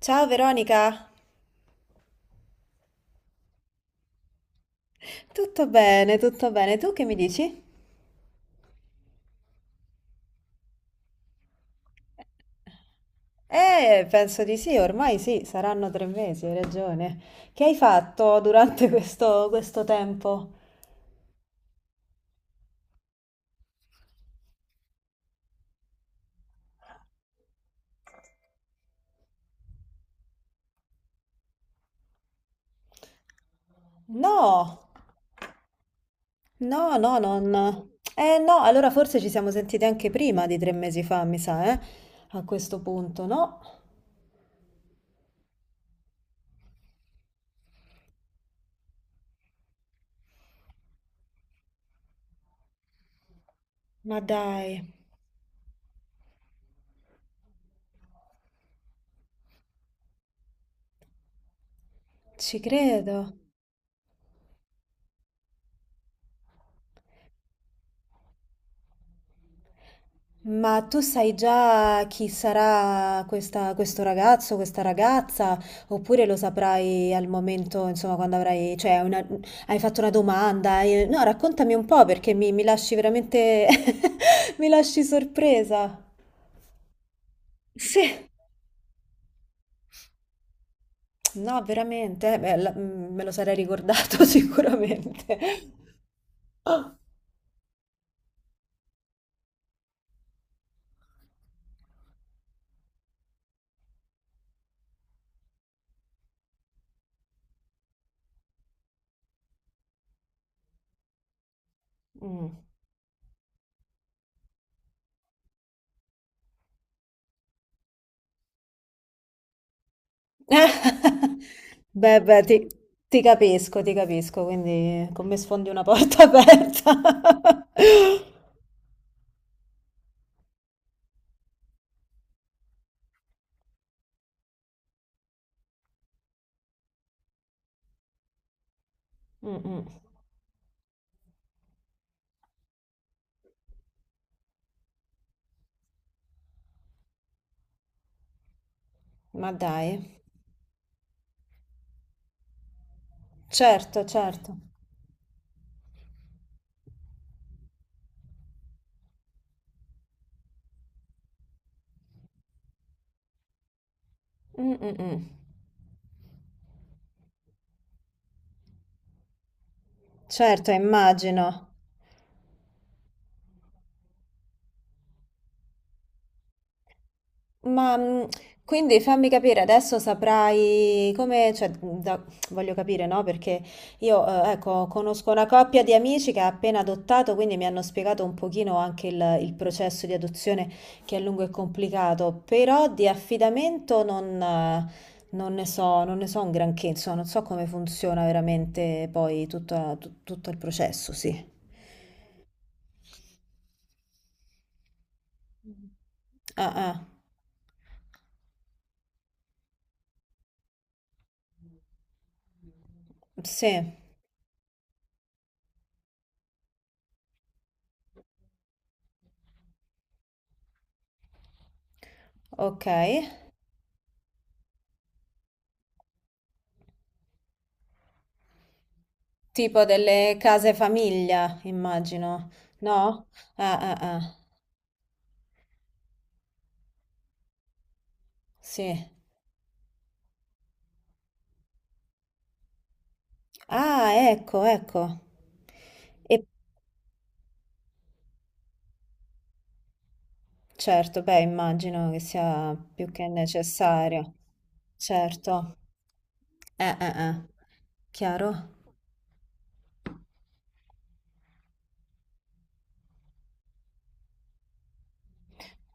Ciao Veronica, tutto bene, tutto bene. Tu che mi dici? Penso di sì, ormai sì, saranno 3 mesi, hai ragione. Che hai fatto durante questo tempo? No, no, no, non... Eh no, allora forse ci siamo sentite anche prima di 3 mesi fa, mi sa, eh? A questo punto, no? Ma dai, ci credo. Ma tu sai già chi sarà questo ragazzo, questa ragazza, oppure lo saprai al momento, insomma, quando avrai, cioè, una- hai fatto una domanda? No, raccontami un po' perché mi lasci veramente, mi lasci sorpresa. Sì, no, veramente, beh, me lo sarei ricordato sicuramente. Mm. Beh, ti capisco, quindi con me sfondi una porta aperta. Mh-mh. Ma dai. Certo, certo. Mh, mh, mh. Certo, immagino. Ma quindi fammi capire, adesso saprai come, cioè, da- voglio capire, no? Perché io, ecco, conosco una coppia di amici che ha appena adottato, quindi mi hanno spiegato un pochino anche il processo di adozione che è lungo e complicato, però di affidamento non, non ne so, non ne so un granché, insomma, non so come funziona veramente poi tutto il processo, sì. Ah, ah, sì. Okay. Tipo delle case famiglia, immagino, no? Ah, ah, ah, sì. Ah, ecco, ecco. E certo, beh, immagino che sia più che necessario. Certo. Eh. Chiaro?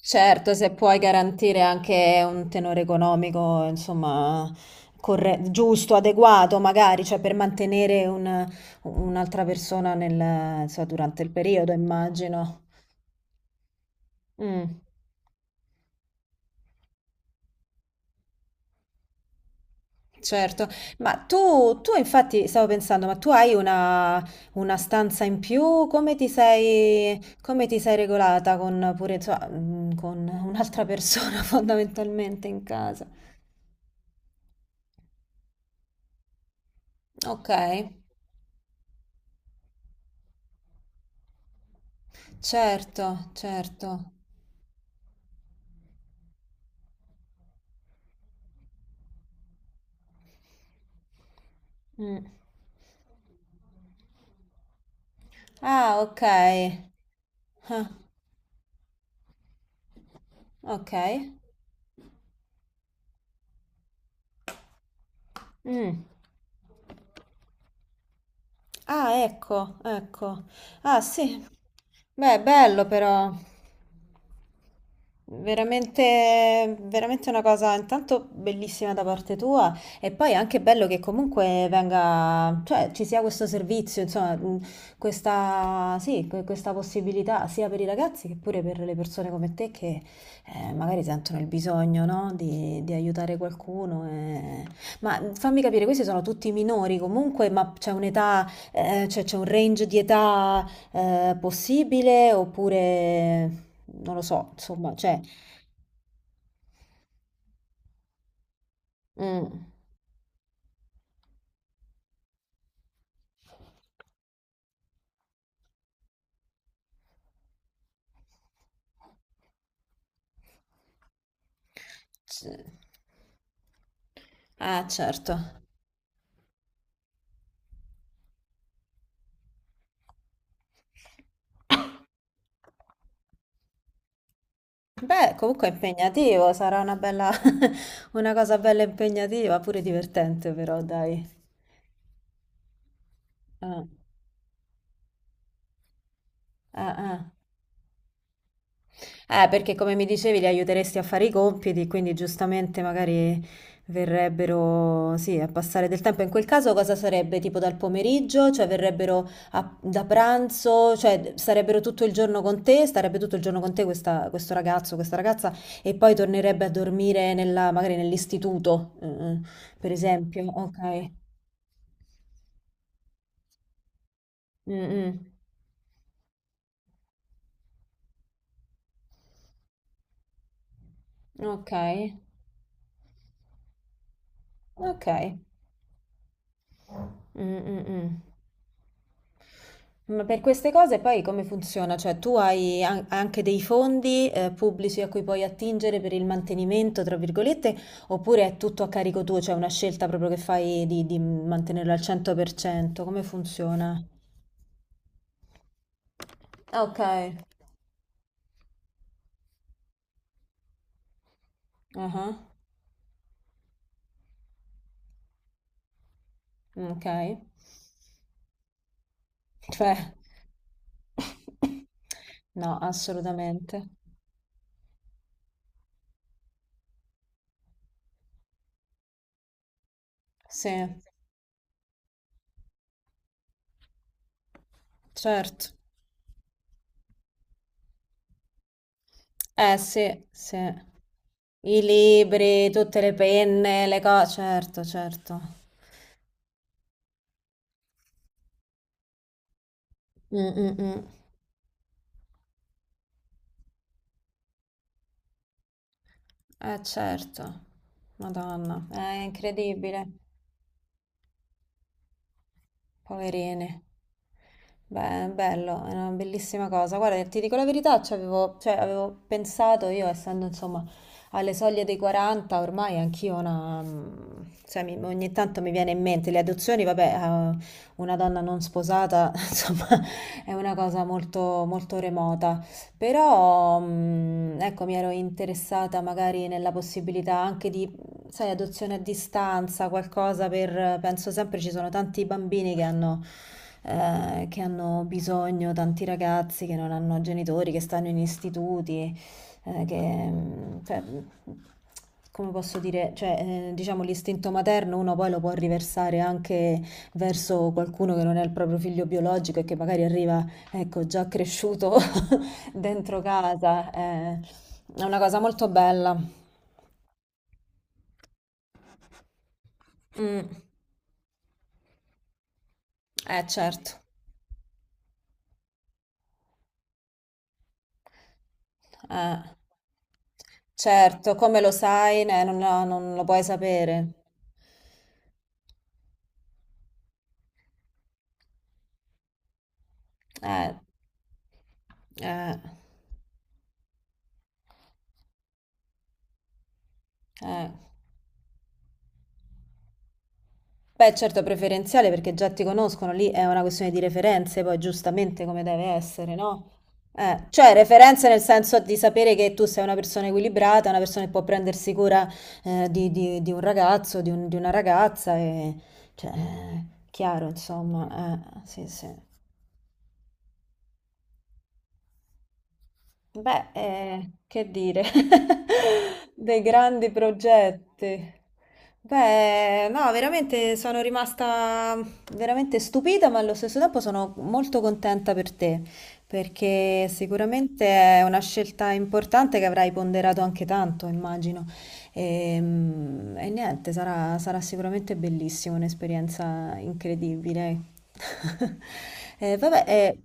Certo, se puoi garantire anche un tenore economico, insomma, corre- giusto, adeguato, magari, cioè per mantenere un- un'altra persona nel, insomma, durante il periodo, immagino. Mm, certo, ma tu infatti stavo pensando, ma tu hai una stanza in più? Come ti sei regolata con, pure, insomma, con un'altra persona fondamentalmente in casa? Ok, certo, certo. Mm. Ah, ok. Ah, ok. Mm. Ah, ecco, ecco. Ah, sì. Beh, bello però. Veramente, veramente una cosa intanto bellissima da parte tua e poi anche bello che comunque venga, cioè ci sia questo servizio, insomma, questa, sì, que- questa possibilità sia per i ragazzi che pure per le persone come te che magari sentono il bisogno, no, di aiutare qualcuno, eh. Ma fammi capire, questi sono tutti minori comunque, ma c'è un'età, cioè c'è un range di età possibile oppure non lo so, insomma, cioè, mm, c- ah, certo. Beh, comunque è impegnativo, sarà una bella, una cosa bella impegnativa, pure divertente però, dai. Ah, ah, ah. Perché come mi dicevi li aiuteresti a fare i compiti, quindi giustamente magari verrebbero, sì, a passare del tempo. In quel caso cosa sarebbe? Tipo dal pomeriggio? Cioè verrebbero a- da pranzo? Cioè sarebbero tutto il giorno con te? Starebbe tutto il giorno con te questo ragazzo, questa ragazza e poi tornerebbe a dormire nella- magari nell'istituto, mm, per esempio. Ok. Mm, mm. Ok. Ok. Mm, mm, mm. Ma per queste cose poi come funziona? Cioè tu hai an- anche dei fondi pubblici a cui puoi attingere per il mantenimento, tra virgolette, oppure è tutto a carico tuo, cioè una scelta proprio che fai di mantenerlo al 100%? Come funziona? Ah, ok, ah, ok, cioè no, assolutamente. Sì, certo. Eh sì, sì. I libri, tutte le penne, le cose, certo, certo. Mm, mm, mm. Eh certo. Madonna, è incredibile. Poverine. Beh, è bello, è una bellissima cosa. Guarda, ti dico la verità, ci avevo, cioè, avevo pensato io, essendo insomma alle soglie dei 40, ormai anch'io una... cioè, mi- ogni tanto mi viene in mente le adozioni, vabbè, una donna non sposata, insomma, è una cosa molto remota. Però, ecco, mi ero interessata magari nella possibilità anche di sai, adozione a distanza, qualcosa per... Penso sempre ci sono tanti bambini che hanno bisogno, tanti ragazzi che non hanno genitori, che stanno in istituti, eh, che... cioè, come posso dire, diciamo l'istinto materno uno poi lo può riversare anche verso qualcuno che non è il proprio figlio biologico e che magari arriva, ecco, già cresciuto dentro casa, eh. È una cosa molto bella. Mm, certo. Eh, certo, come lo sai, non, lo non lo puoi sapere. Eh, eh, eh. Beh, certo, preferenziale perché già ti conoscono, lì è una questione di referenze, poi giustamente come deve essere, no? Cioè, referenze nel senso di sapere che tu sei una persona equilibrata, una persona che può prendersi cura di, di un ragazzo, di, un- di una ragazza, e, cioè, chiaro, insomma, sì, sì. Beh, che dire, dei grandi progetti. Beh, no, veramente sono rimasta veramente stupita, ma allo stesso tempo sono molto contenta per te, perché sicuramente è una scelta importante che avrai ponderato anche tanto, immagino. Ehm, E, niente, sarà sicuramente bellissimo, un'esperienza incredibile. Vabbè,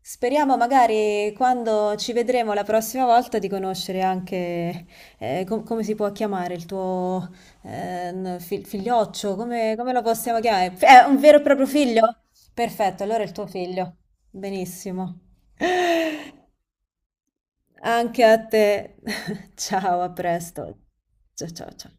speriamo magari quando ci vedremo la prossima volta di conoscere anche com- come si può chiamare il tuo figlioccio, come, come lo possiamo chiamare? F- È un vero e proprio figlio? Perfetto, allora è il tuo figlio. Benissimo. Anche a te. Ciao, a presto. Ciao, ciao, ciao.